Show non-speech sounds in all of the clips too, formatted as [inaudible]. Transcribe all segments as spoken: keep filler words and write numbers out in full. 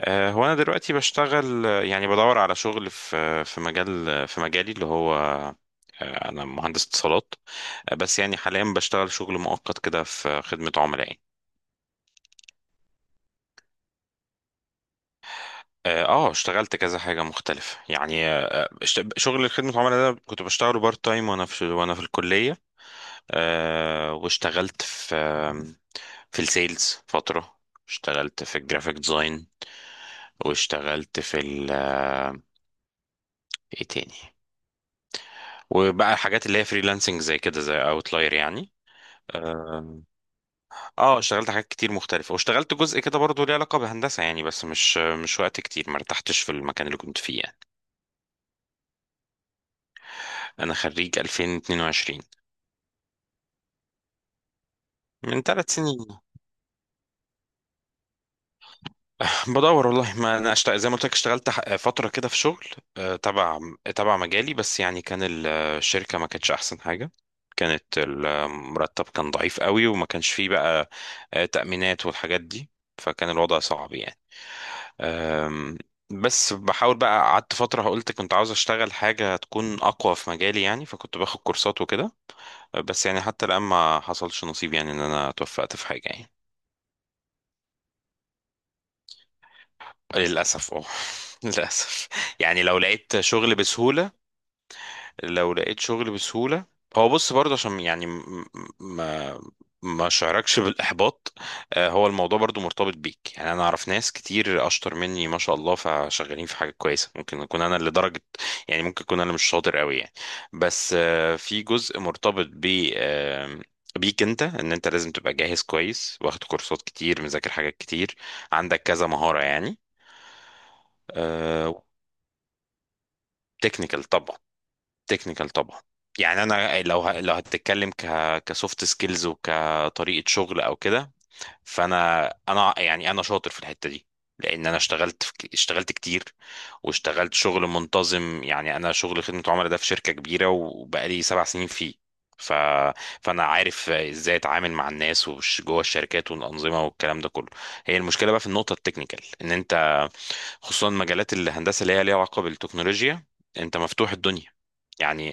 آه، هو انا دلوقتي بشتغل آه، يعني بدور على شغل في في مجال في مجالي اللي هو آه، انا مهندس اتصالات. آه، بس يعني حاليا بشتغل شغل مؤقت كده في خدمة عملاء يعني. اه آه، اشتغلت كذا حاجة مختلفة يعني آه، آه، اشت- شغل خدمة عملاء ده كنت بشتغله بارت تايم وانا في وانا في الكلية. آه، واشتغلت في في السيلز فترة، اشتغلت في الجرافيك ديزاين، واشتغلت في ال آه، ايه تاني، وبقى الحاجات اللي هي فريلانسنج زي كده زي اوتلاير يعني. اه آه، اشتغلت حاجات كتير مختلفة، واشتغلت جزء كده برضه ليه علاقة بهندسة يعني، بس مش مش وقت كتير، ما ارتحتش في المكان اللي كنت فيه يعني. انا خريج ألفين واتنين وعشرين، من ثلاث سنين. [laughs] بدور والله، ما انا أشت... زي ما قلت لك اشتغلت ح- فتره كده في شغل آه، تبع تبع مجالي، بس يعني كان ال- الشركه ما كانتش احسن حاجه، كانت المرتب كان ضعيف قوي، وما كانش فيه بقى آه، تأمينات والحاجات دي، فكان الوضع صعب يعني. آم، بس بحاول بقى، قعدت فتره قلت كنت عاوز اشتغل حاجه تكون اقوى في مجالي يعني، فكنت باخد كورسات وكده. آه، بس يعني حتى الان ما حصلش نصيب يعني ان انا توفقت في حاجه يعني. للأسف اه. [laughs] للأسف، يعني لو لقيت شغل بسهولة. لو لقيت شغل بسهولة، هو بص برضه عشان يعني م- م- ما ما شعركش بالإحباط. آه، هو الموضوع برضه مرتبط بيك يعني، أنا أعرف ناس كتير أشطر مني ما شاء الله، فشغالين في حاجة كويسة، ممكن أكون أنا اللي درجة يعني، ممكن أكون أنا مش شاطر قوي يعني. بس آه، في جزء مرتبط ب آه، بيك انت، ان انت لازم تبقى جاهز كويس، واخد كورسات كتير، مذاكر حاجات كتير، عندك كذا مهارة يعني. تكنيكال طبعا. تكنيكال طبعا. يعني انا لو ه... لو هتتكلم ك كسوفت سكيلز وكطريقه شغل او كده، فانا انا يعني انا شاطر في الحته دي، لان انا اشتغلت في... ك- اشتغلت كتير، واشتغلت شغل منتظم يعني، انا شغل خدمه عملاء ده في شركه كبيره، وبقالي سبع سنين فيه. ف... فانا عارف ازاي اتعامل مع الناس وش جوه الشركات والانظمه والكلام ده كله. هي المشكله بقى في النقطه التكنيكال، ان انت خصوصا مجالات الهندسه اللي هي ليها علاقه بالتكنولوجيا، انت مفتوح الدنيا يعني.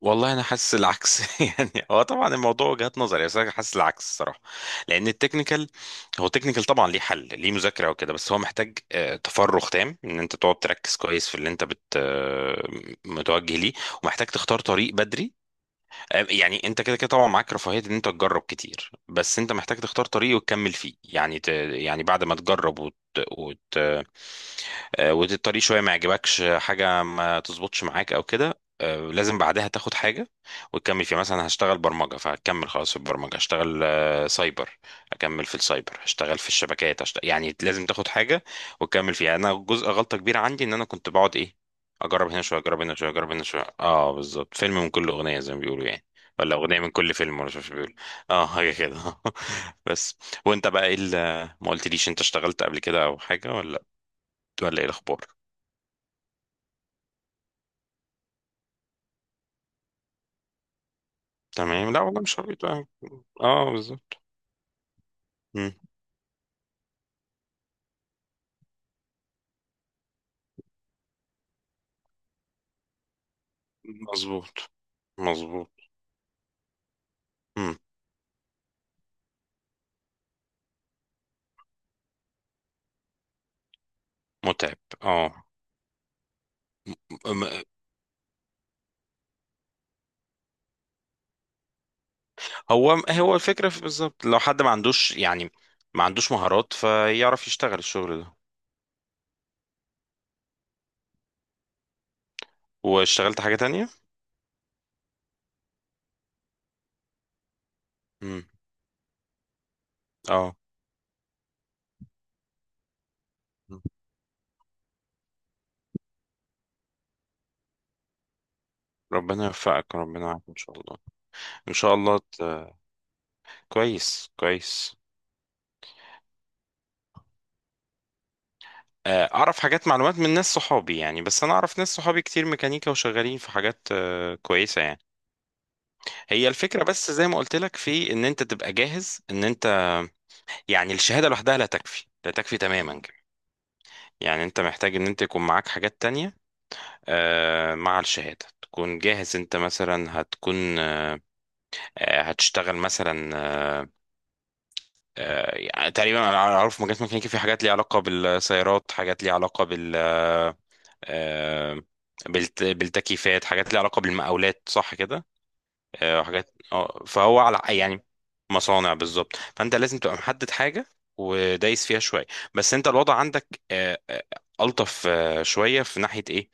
والله انا حاسس العكس. [laughs] يعني هو طبعا الموضوع وجهات نظر، بس انا حاسس العكس الصراحه. لان التكنيكال، هو التكنيكال طبعا ليه حل، ليه مذاكره وكده، بس هو محتاج آه، تفرغ تام ان انت تقعد تركز كويس في اللي انت بت آه، متوجه ليه، ومحتاج تختار طريق بدري يعني. انت كده كده طبعا معاك رفاهية ان انت تجرب كتير، بس انت محتاج تختار طريق وتكمل فيه يعني. ت... يعني بعد ما تجرب وت... وت... آه، والطريق شوية ما يعجبكش حاجة، ما تظبطش معاك او كده، آه، لازم بعدها تاخد حاجة وتكمل فيها، مثلا هشتغل برمجة فهكمل خلاص في البرمجة، هشتغل آه، سايبر، اكمل في السايبر، هشتغل في الشبكات، هشتغل... يعني لازم تاخد حاجة وتكمل فيها. انا جزء غلطة كبيرة عندي، ان انا كنت بقعد ايه، اجرب هنا شويه، اجرب هنا شويه، اجرب هنا شويه. اه بالظبط، فيلم من كل اغنيه زي ما بيقولوا يعني. ولا أغنية من كل فيلم، ولا مش عارف إيه بيقول. اه حاجة كده. [laughs] بس، وانت بقى ايه اللي، ما قلتليش انت اشتغلت قبل كده او حاجة، ولا ولا ايه الأخبار. تمام، لا والله مش عارف بقى. اه بالظبط. مم. مظبوط. مظبوط. مم. متعب اه. م- هو هو الفكرة في- بالظبط لو حد ما عندوش يعني، ما عندوش مهارات فيعرف يشتغل الشغل ده. واشتغلت حاجة تانية. مم. اه. ربنا يوفقك، ربنا يعافيك ان شاء الله. ان شاء الله ت... كويس كويس. آه، اعرف حاجات معلومات من ناس صحابي يعني، بس انا اعرف ناس صحابي كتير ميكانيكا وشغالين في حاجات آه، كويسه يعني. هي الفكره بس زي ما قلت لك، في ان انت تبقى جاهز، ان انت يعني الشهاده لوحدها لا تكفي، لا تكفي تماما كمان. يعني انت محتاج ان انت يكون معاك حاجات تانية آه، مع الشهاده، تكون جاهز. انت مثلا هتكون آه، هتشتغل مثلا آه، يعني تقريبا، انا اعرف مجالات ميكانيكا، في حاجات ليها علاقه بالسيارات، حاجات ليها علاقه بالموتوسيكلات، آه، بالت- بالتكييفات، حاجات ليها علاقة بالمقاولات، صح كده، آه، حاجات اه فهو على يعني مصانع بالظبط. فانت لازم تبقى محدد حاجة، ودايس فيها شوية. بس انت الوضع عندك آه، آه، ألطف آه، شوية في ناحية ايه،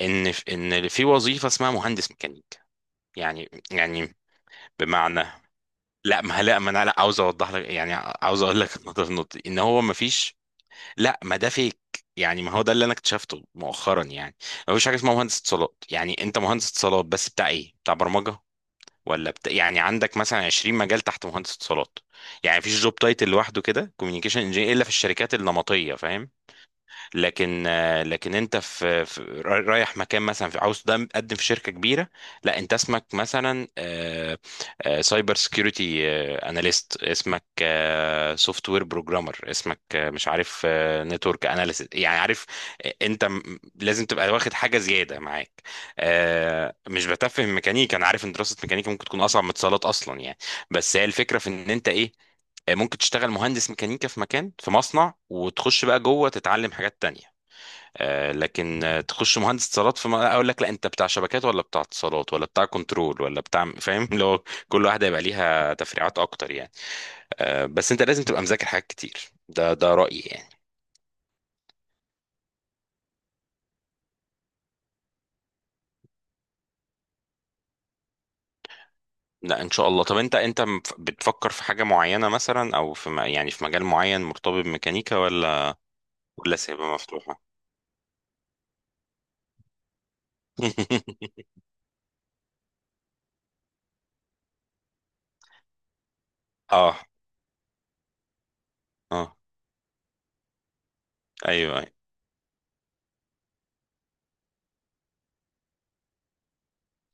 ان ف- ان في وظيفة اسمها مهندس ميكانيك يعني يعني بمعنى. لا ما لا ما انا لا عاوز اوضح لك يعني، عاوز اقول لك [laughs] النقطة في النقطة دي، ان هو ما فيش، لا ما ده فيك. يعني ما هو ده اللي انا اكتشفته مؤخرا يعني، ما فيش حاجه اسمها مهندس اتصالات. يعني انت مهندس اتصالات، بس بتاع ايه؟ بتاع برمجه ولا بتا... يعني عندك مثلا عشرين مجال تحت مهندس اتصالات. يعني مفيش جوب تايتل لوحده كده كوميونيكيشن انجينير، الا في الشركات النمطيه، فاهم. لكن آه، لكن انت في, في راي- رايح مكان مثلا، في عاوز تدم- تقدم في شركه كبيره، لا انت اسمك مثلا سايبر سكيورتي اناليست، اسمك سوفت وير بروجرامر، اسمك آه، مش عارف نتورك اناليست يعني، عارف. آه، انت م- لازم تبقى واخد حاجه زياده معاك. آه، مش بتفهم ميكانيكا، انا عارف ان دراسه ميكانيكا ممكن تكون اصعب من اتصالات اصلا يعني. بس هي الفكره في ان انت ايه، آه، ممكن تشتغل مهندس ميكانيكا في مكان في مصنع، وتخش بقى جوه تتعلم حاجات تانية. آه، لكن آه، تخش مهندس اتصالات في م- اقول لك لا انت بتاع شبكات، ولا بتاع اتصالات، ولا بتاع كنترول، ولا بتاع فاهم [laughs] لو كل واحده يبقى ليها تفريعات اكتر يعني. آه، بس انت لازم تبقى مذاكر حاجات كتير، ده ده رايي يعني. لا ان شاء الله. طب انت انت مف- بتفكر في حاجه معينه مثلا، او في م- يعني في مجال معين مرتبط بميكانيكا، ولا ولا سايبها مفتوحه. [laughs] اه. اه ايوه ايوه.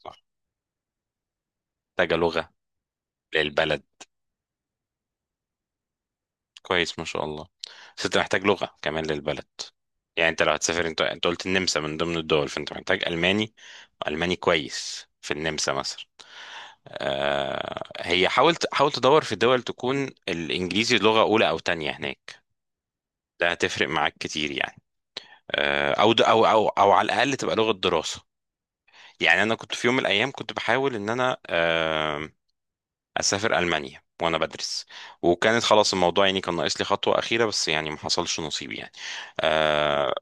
صح. محتاجه لغه للبلد. كويس ما شاء الله. بس انت محتاج لغة كمان للبلد، يعني انت لو هتسافر، انت انت قلت النمسا من ضمن الدول، فانت محتاج ألماني. ألماني كويس في النمسا مثلا. آه، هي حاولت، حاول تدور في دول تكون الإنجليزي لغة أولى أو تانية هناك، ده هتفرق معاك كتير يعني. آه أو د- أو أو أو على الأقل تبقى لغة دراسة. يعني أنا كنت في يوم من الأيام كنت بحاول إن أنا اسافر المانيا وانا بدرس، وكانت خلاص الموضوع يعني كان ناقص لي خطوه اخيره، بس يعني ما حصلش نصيب يعني. آه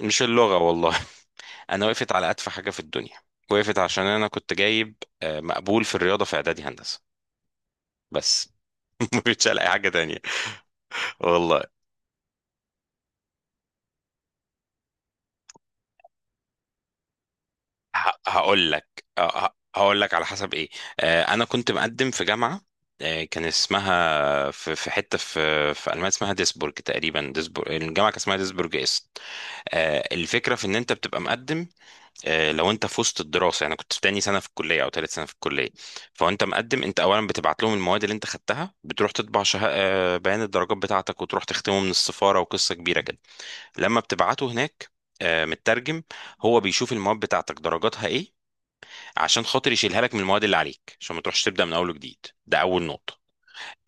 مش اللغه والله. [laughs] انا وقفت على اتفه حاجه في الدنيا، وقفت عشان انا كنت جايب آه مقبول في الرياضه في اعدادي هندسه بس. [laughs] ما كنتش الاقي حاجه تانية. والله ه- هقول لك، آه، ه- هقول لك على حسب ايه. آه، انا كنت مقدم في جامعه، آه، كان اسمها في في حته في في المانيا اسمها ديسبورج تقريبا، ديسبورج، الجامعه كان اسمها ديسبورج است. آه، الفكره في ان انت بتبقى مقدم، آه، لو انت في وسط الدراسه يعني كنت في تاني سنه في الكليه، او تالت سنه في الكليه، فانت مقدم. انت اولا بتبعت لهم المواد اللي انت خدتها، بتروح تطبع شه... آه، بيان الدرجات بتاعتك، وتروح تختمه من السفاره، وقصه كبيره كده، لما بتبعته هناك آه، مترجم. هو بيشوف المواد بتاعتك درجاتها ايه، عشان خاطر يشيلها لك من المواد اللي عليك، عشان ما تروحش تبدا من اول وجديد. ده اول نقطه.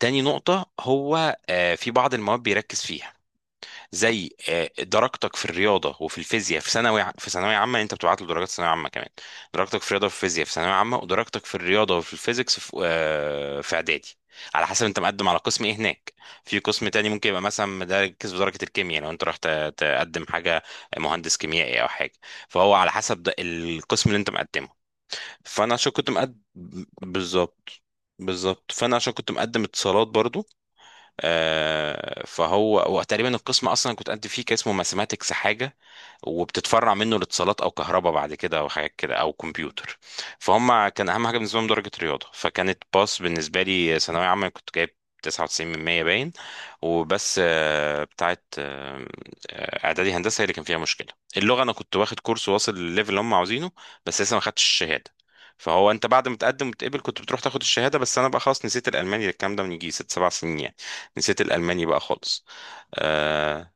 تاني نقطه، هو آه، في بعض المواد بيركز فيها، زي آه، درجتك في الرياضه وفي الفيزياء في ثانوي ع- في ثانويه عامه. انت بتبعت له درجات ثانويه عامه كمان، درجتك في الرياضه وفي الفيزياء في ثانويه عامه، ودرجتك في الرياضه وفي الفيزيكس في آه، في اعدادي، على حسب انت مقدم على قسم ايه هناك. في قسم تاني ممكن يبقى مثلا مركز في درجه الكيمياء، لو انت رحت تقدم حاجه مهندس كيميائي او حاجه، فهو على حسب ده القسم اللي انت مقدمه. فانا عشان كنت مقدم بالظبط. بالظبط، فانا عشان كنت مقدم اتصالات برضو، آه فهو وتقريبا القسم اصلا كنت قد فيه كان اسمه ماثيماتكس حاجه، وبتتفرع منه الاتصالات او كهرباء بعد كده، او حاجات كده، او كمبيوتر. فهم كان اهم حاجه بالنسبه لهم درجه رياضه، فكانت باس بالنسبه لي. ثانويه عامه كنت جايب تسعة وتسعين من مية باين، وبس آه، بتاعت آه، آه، اعدادي هندسه هي اللي كان فيها مشكله. اللغه انا كنت واخد كورس واصل للليفل اللي هم عاوزينه، بس لسه ما خدتش الشهاده. فهو انت بعد ما تقدم وتقبل كنت بتروح تاخد الشهاده، بس انا بقى خلاص نسيت الالماني، الكلام ده من يجي ست سبع سنين يعني، نسيت الالماني بقى خالص. آه،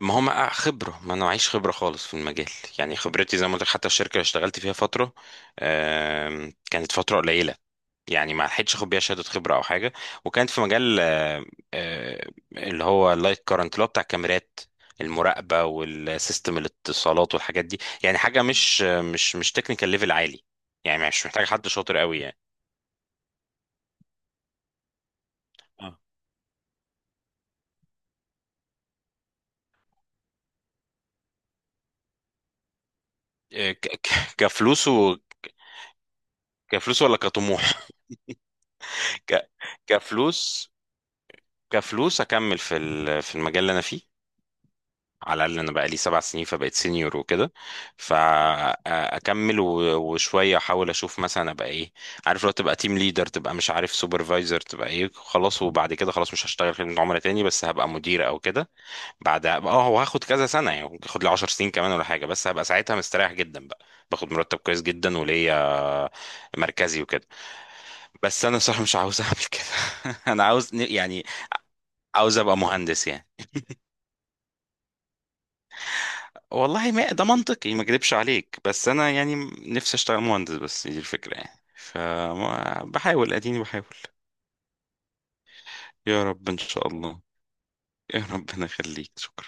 ما هو ما آه، خبرة ما انا معيش خبرة خالص في المجال. يعني خبرتي زي ما قلت لك، حتى الشركة اللي اشتغلت فيها فترة آم، كانت فترة قليلة، يعني ما لحقتش اخد بيها شهادة خبرة او حاجة. وكانت في مجال آه، آه، اللي هو اللايت كارنت اللي هو بتاع الكاميرات المراقبة والسيستم الاتصالات والحاجات دي، يعني حاجة مش مش مش تكنيكال ليفل عالي، يعني مش محتاج حد شاطر قوي يعني. اه ك- ك- كفلوس و... كفلوس ولا كطموح. [laughs] ك... كفلوس. كفلوس اكمل في ال- في المجال اللي انا فيه، على الاقل انا بقى لي سبع سنين فبقيت سينيور وكده، فاكمل وشويه احاول اشوف مثلا ابقى ايه، عارف لو تبقى تيم ليدر، تبقى مش عارف سوبرفايزر، تبقى ايه خلاص، وبعد كده خلاص مش هشتغل خدمه عملاء تاني، بس هبقى مدير او كده. بعدها اه، هو هاخد كذا سنه يعني، ممكن اخد لي عشر سنين كمان ولا حاجه، بس هبقى ساعتها مستريح جدا بقى، باخد مرتب كويس جدا وليا مركزي وكده. بس انا صراحه مش عاوز اعمل كده. [laughs] انا عاوز يعني عاوز ابقى مهندس يعني. والله ما ده منطقي، ما اكذبش عليك، بس انا يعني نفسي اشتغل مهندس، بس دي الفكره يعني، فبحاول اديني بحاول. يا رب ان شاء الله. يا ربنا يخليك شكرا.